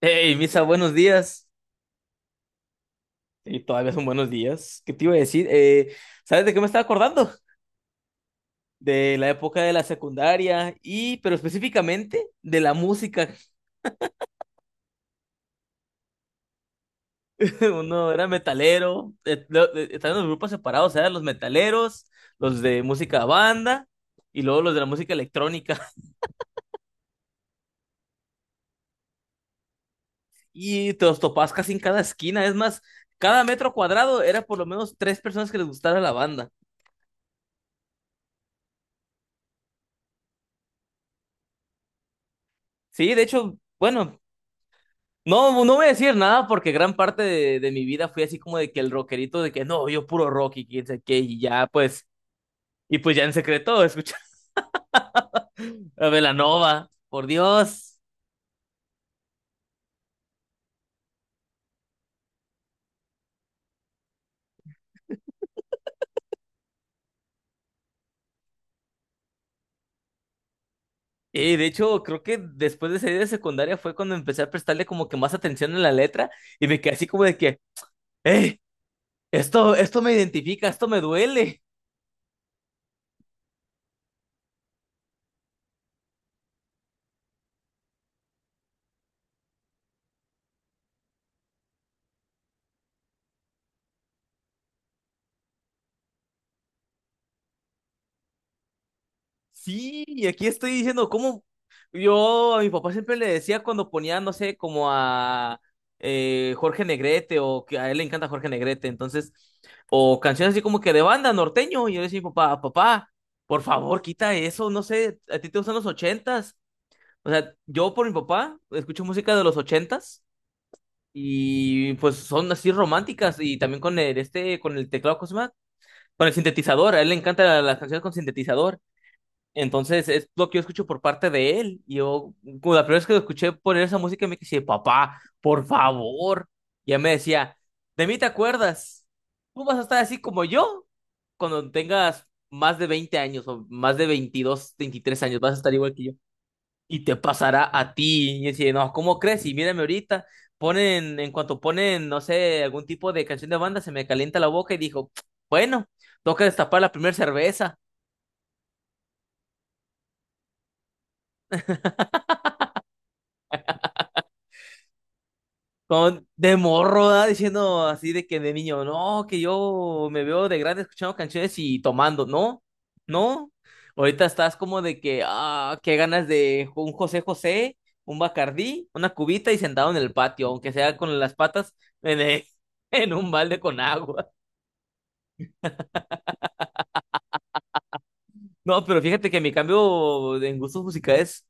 Hey, Misa, buenos días. Y todavía son buenos días. ¿Qué te iba a decir? ¿Sabes de qué me estaba acordando? De la época de la secundaria pero específicamente, de la música. Uno era metalero, estaban los grupos separados, eran los metaleros, los de música banda y luego los de la música electrónica. Y te los topabas casi en cada esquina. Es más, cada metro cuadrado era por lo menos tres personas que les gustara la banda. Sí, de hecho, bueno, no, no voy a decir nada porque gran parte de mi vida fui así como de que el rockerito de que no, yo puro rock y quién sabe qué, y ya pues, y pues ya en secreto escuchaba a Belanova, por Dios. Y de hecho, creo que después de salir de secundaria fue cuando empecé a prestarle como que más atención a la letra y me quedé así como de que, hey, esto me identifica, esto me duele. Sí, y aquí estoy diciendo cómo yo a mi papá siempre le decía cuando ponía, no sé, como a Jorge Negrete o que a él le encanta Jorge Negrete, entonces, o canciones así como que de banda norteño, y yo le decía a mi papá, papá, por favor, quita eso, no sé, a ti te gustan los ochentas. O sea, yo por mi papá escucho música de los ochentas y pues son así románticas y también con el teclado, ¿cómo se llama? Con el sintetizador, a él le encanta las canciones con sintetizador. Entonces es lo que yo escucho por parte de él. Y yo, como la primera vez que lo escuché poner esa música, me dije, papá, por favor. Y él me decía, de mí te acuerdas, tú vas a estar así como yo cuando tengas más de 20 años o más de 22, 23 años, vas a estar igual que yo. Y te pasará a ti. Y yo decía, no, ¿cómo crees? Y mírame ahorita, en cuanto ponen, no sé, algún tipo de canción de banda, se me calienta la boca y dijo, bueno, toca destapar la primera cerveza. De morro, ¿verdad? Diciendo así de que de niño, no, que yo me veo de grande escuchando canciones y tomando, ¿no? ¿No? Ahorita estás como de que, ah, qué ganas de un José José, un Bacardí, una cubita y sentado en el patio, aunque sea con las patas en, el- en un balde con agua. No, pero fíjate que mi cambio en gustos musicales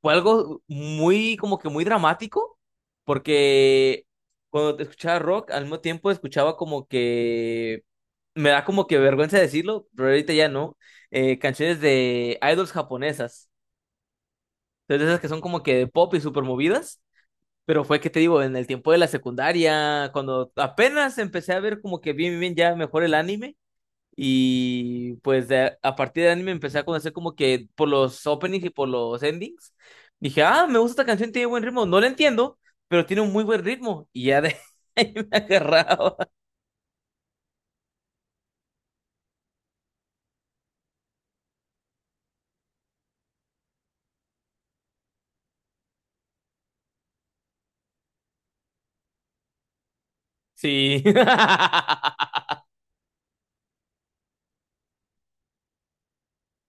fue algo como que muy dramático, porque cuando escuchaba rock, al mismo tiempo escuchaba como que me da como que vergüenza decirlo, pero ahorita ya no, canciones de idols japonesas. Entonces, esas que son como que de pop y súper movidas, pero fue que te digo, en el tiempo de la secundaria, cuando apenas empecé a ver como que bien, bien, ya mejor el anime. Y pues a partir del anime empecé a conocer como que por los openings y por los endings. Dije, ah, me gusta esta canción, tiene buen ritmo. No la entiendo, pero tiene un muy buen ritmo. Y ya de ahí me agarraba. Sí.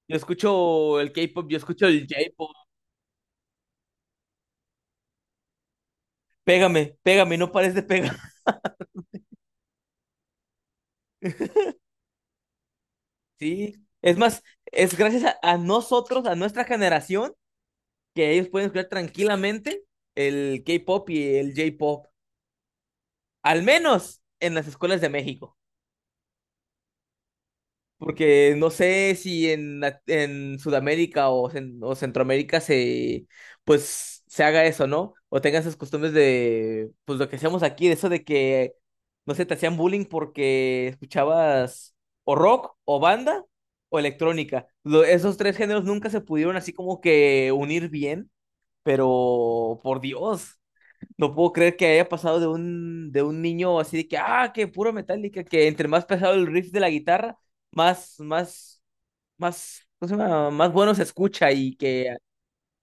Yo escucho el K-pop, yo escucho el J-pop. Pégame, pégame, no pares de pegar. Sí. Es más, es gracias a nosotros, a nuestra generación, que ellos pueden escuchar tranquilamente el K-pop y el J-pop. Al menos en las escuelas de México. Porque no sé si en Sudamérica o Centroamérica se pues se haga eso, ¿no? O tengan esas costumbres de pues lo que hacemos aquí, de eso de que no sé, te hacían bullying porque escuchabas o rock o banda o electrónica. Esos tres géneros nunca se pudieron así como que unir bien, pero por Dios. No puedo creer que haya pasado de un niño así de que, ah, que puro Metallica, que entre más pesado el riff de la guitarra, más, más, más, ¿cómo se llama? Más bueno se escucha y que,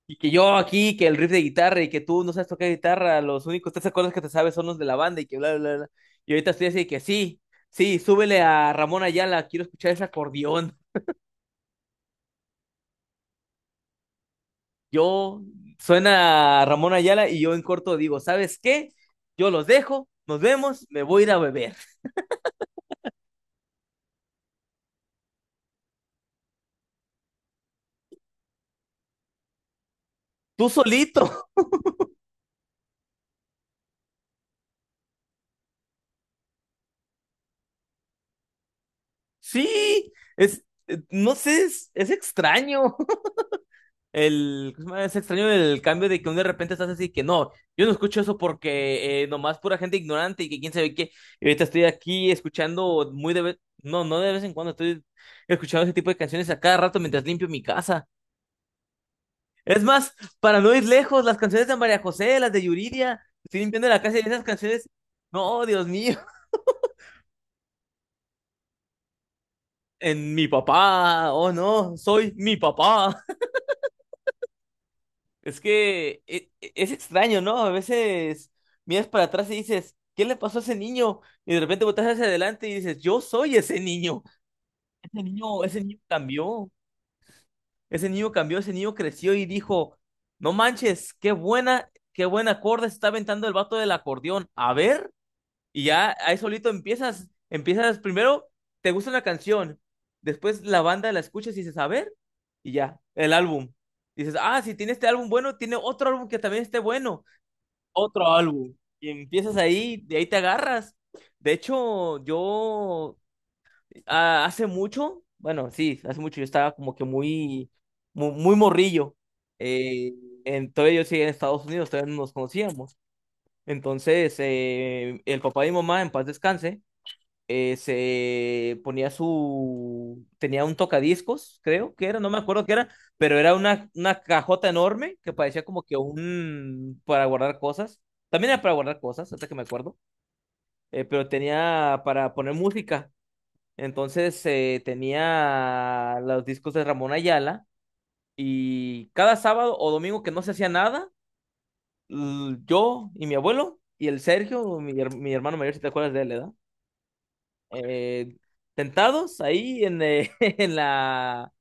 yo aquí, que el riff de guitarra y que tú no sabes tocar guitarra, los únicos tres acordes que te sabes son los de la banda y que bla, bla, bla, bla. Y ahorita estoy así de que sí, sí, súbele a Ramón Ayala, quiero escuchar ese acordeón. Yo, suena Ramón Ayala y yo en corto digo, ¿sabes qué? Yo los dejo, nos vemos, me voy a ir a beber. Tú solito. Sí, no sé, es extraño. ¿Cómo se llama? Es extraño el cambio de que de repente estás así que no, yo no escucho eso porque nomás pura gente ignorante y que quién sabe qué. Y ahorita estoy aquí escuchando no, no de vez en cuando, estoy escuchando ese tipo de canciones a cada rato mientras limpio mi casa. Es más, para no ir lejos, las canciones de María José, las de Yuridia, estoy limpiando la casa y esas canciones, no, Dios mío, en mi papá, oh no, soy mi papá. Es que es extraño, ¿no? A veces miras para atrás y dices, ¿qué le pasó a ese niño? Y de repente volteas hacia adelante y dices, yo soy ese niño. Ese niño cambió. Ese niño cambió, ese niño creció y dijo, no manches, qué buen acorde se está aventando el vato del acordeón. A ver, y ya ahí solito empiezas primero, te gusta una canción, después la banda la escuchas y dices, a ver, y ya, el álbum. Dices, ah, si tiene este álbum bueno, tiene otro álbum que también esté bueno otro álbum. Y empiezas ahí, de ahí te agarras. De hecho, yo hace mucho, bueno, sí, hace mucho yo estaba como que muy, morrillo. Eh, todavía yo seguía en Estados Unidos, todavía no nos conocíamos. Entonces, el papá de mi mamá, en paz descanse, tenía un tocadiscos, creo que era, no me acuerdo qué era, pero era una cajota enorme que parecía como que para guardar cosas, también era para guardar cosas, hasta que me acuerdo, pero tenía para poner música, entonces tenía los discos de Ramón Ayala y cada sábado o domingo que no se hacía nada, yo y mi abuelo y el Sergio, mi hermano mayor, si te acuerdas de él, ¿verdad? eh, tentados ahí en la...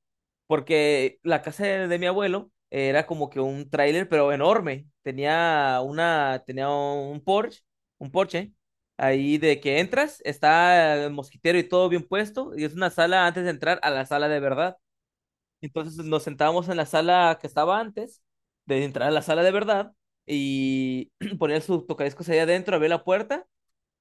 Porque la casa de mi abuelo era como que un tráiler, pero enorme. Tenía tenía un Porsche, un Porsche. Ahí de que entras, está el mosquitero y todo bien puesto, y es una sala antes de entrar a la sala de verdad. Entonces nos sentábamos en la sala que estaba antes de entrar a la sala de verdad y ponía sus tocadiscos ahí adentro, abría la puerta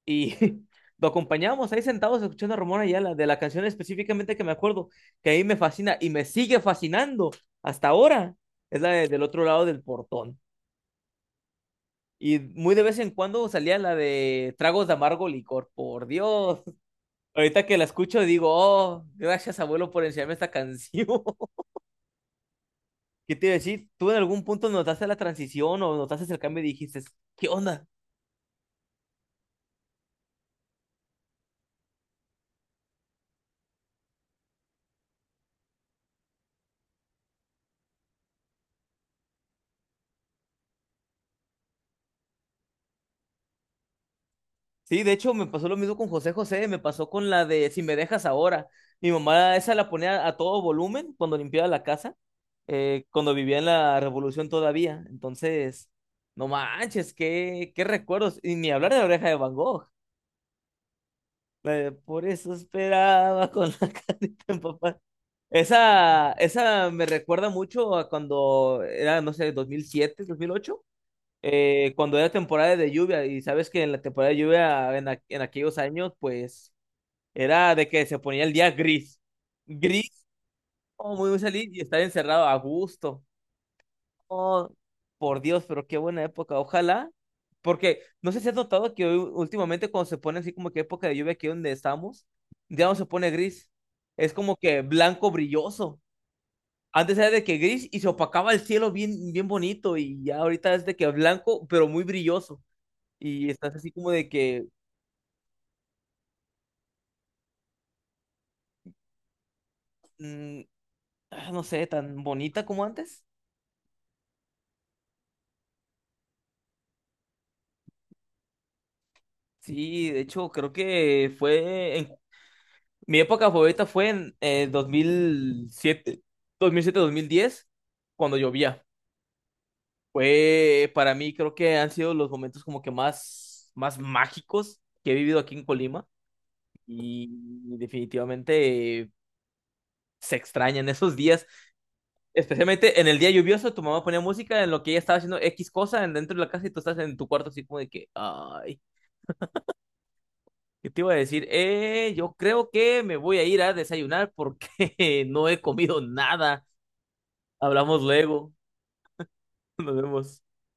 y lo acompañábamos ahí sentados escuchando a Ramón Ayala de la canción específicamente que me acuerdo, que ahí me fascina y me sigue fascinando hasta ahora. Es la del otro lado del portón. Y muy de vez en cuando salía la de tragos de amargo licor, por Dios. Ahorita que la escucho digo, oh, gracias abuelo por enseñarme esta canción. ¿Qué te iba a decir? ¿Tú en algún punto notaste la transición o notaste el cambio y dijiste, ¿qué onda? Sí, de hecho me pasó lo mismo con José José, me pasó con la de Si me dejas ahora. Mi mamá esa la ponía a todo volumen cuando limpiaba la casa, cuando vivía en la Revolución todavía. Entonces, no manches, qué recuerdos. Y ni hablar de la oreja de Van Gogh. La de, por eso esperaba con la carita en papá. Esa me recuerda mucho a cuando era, no sé, 2007, 2008 cuando era temporada de lluvia, y sabes que en la temporada de lluvia en aquellos años, pues era de que se ponía el día gris. Gris, oh, muy, muy salir y estar encerrado a gusto. Oh, por Dios, pero qué buena época. Ojalá. Porque no sé si has notado que hoy, últimamente cuando se pone así como que época de lluvia aquí donde estamos, ya no se pone gris. Es como que blanco brilloso. Antes era de que gris y se opacaba el cielo bien, bien bonito y ya ahorita es de que blanco, pero muy brilloso. Y estás así como de que, mm, no sé, tan bonita como antes. Sí, de hecho, creo que fue en mi época favorita fue en dos mil siete, 2010 cuando llovía. Fue para mí creo que han sido los momentos como que más más mágicos que he vivido aquí en Colima y definitivamente se extrañan esos días, especialmente en el día lluvioso, tu mamá ponía música en lo que ella estaba haciendo X cosa dentro de la casa y tú estás en tu cuarto así como de que ay. ¿Qué te iba a decir? Yo creo que me voy a ir a desayunar porque no he comido nada. Hablamos luego. Nos vemos.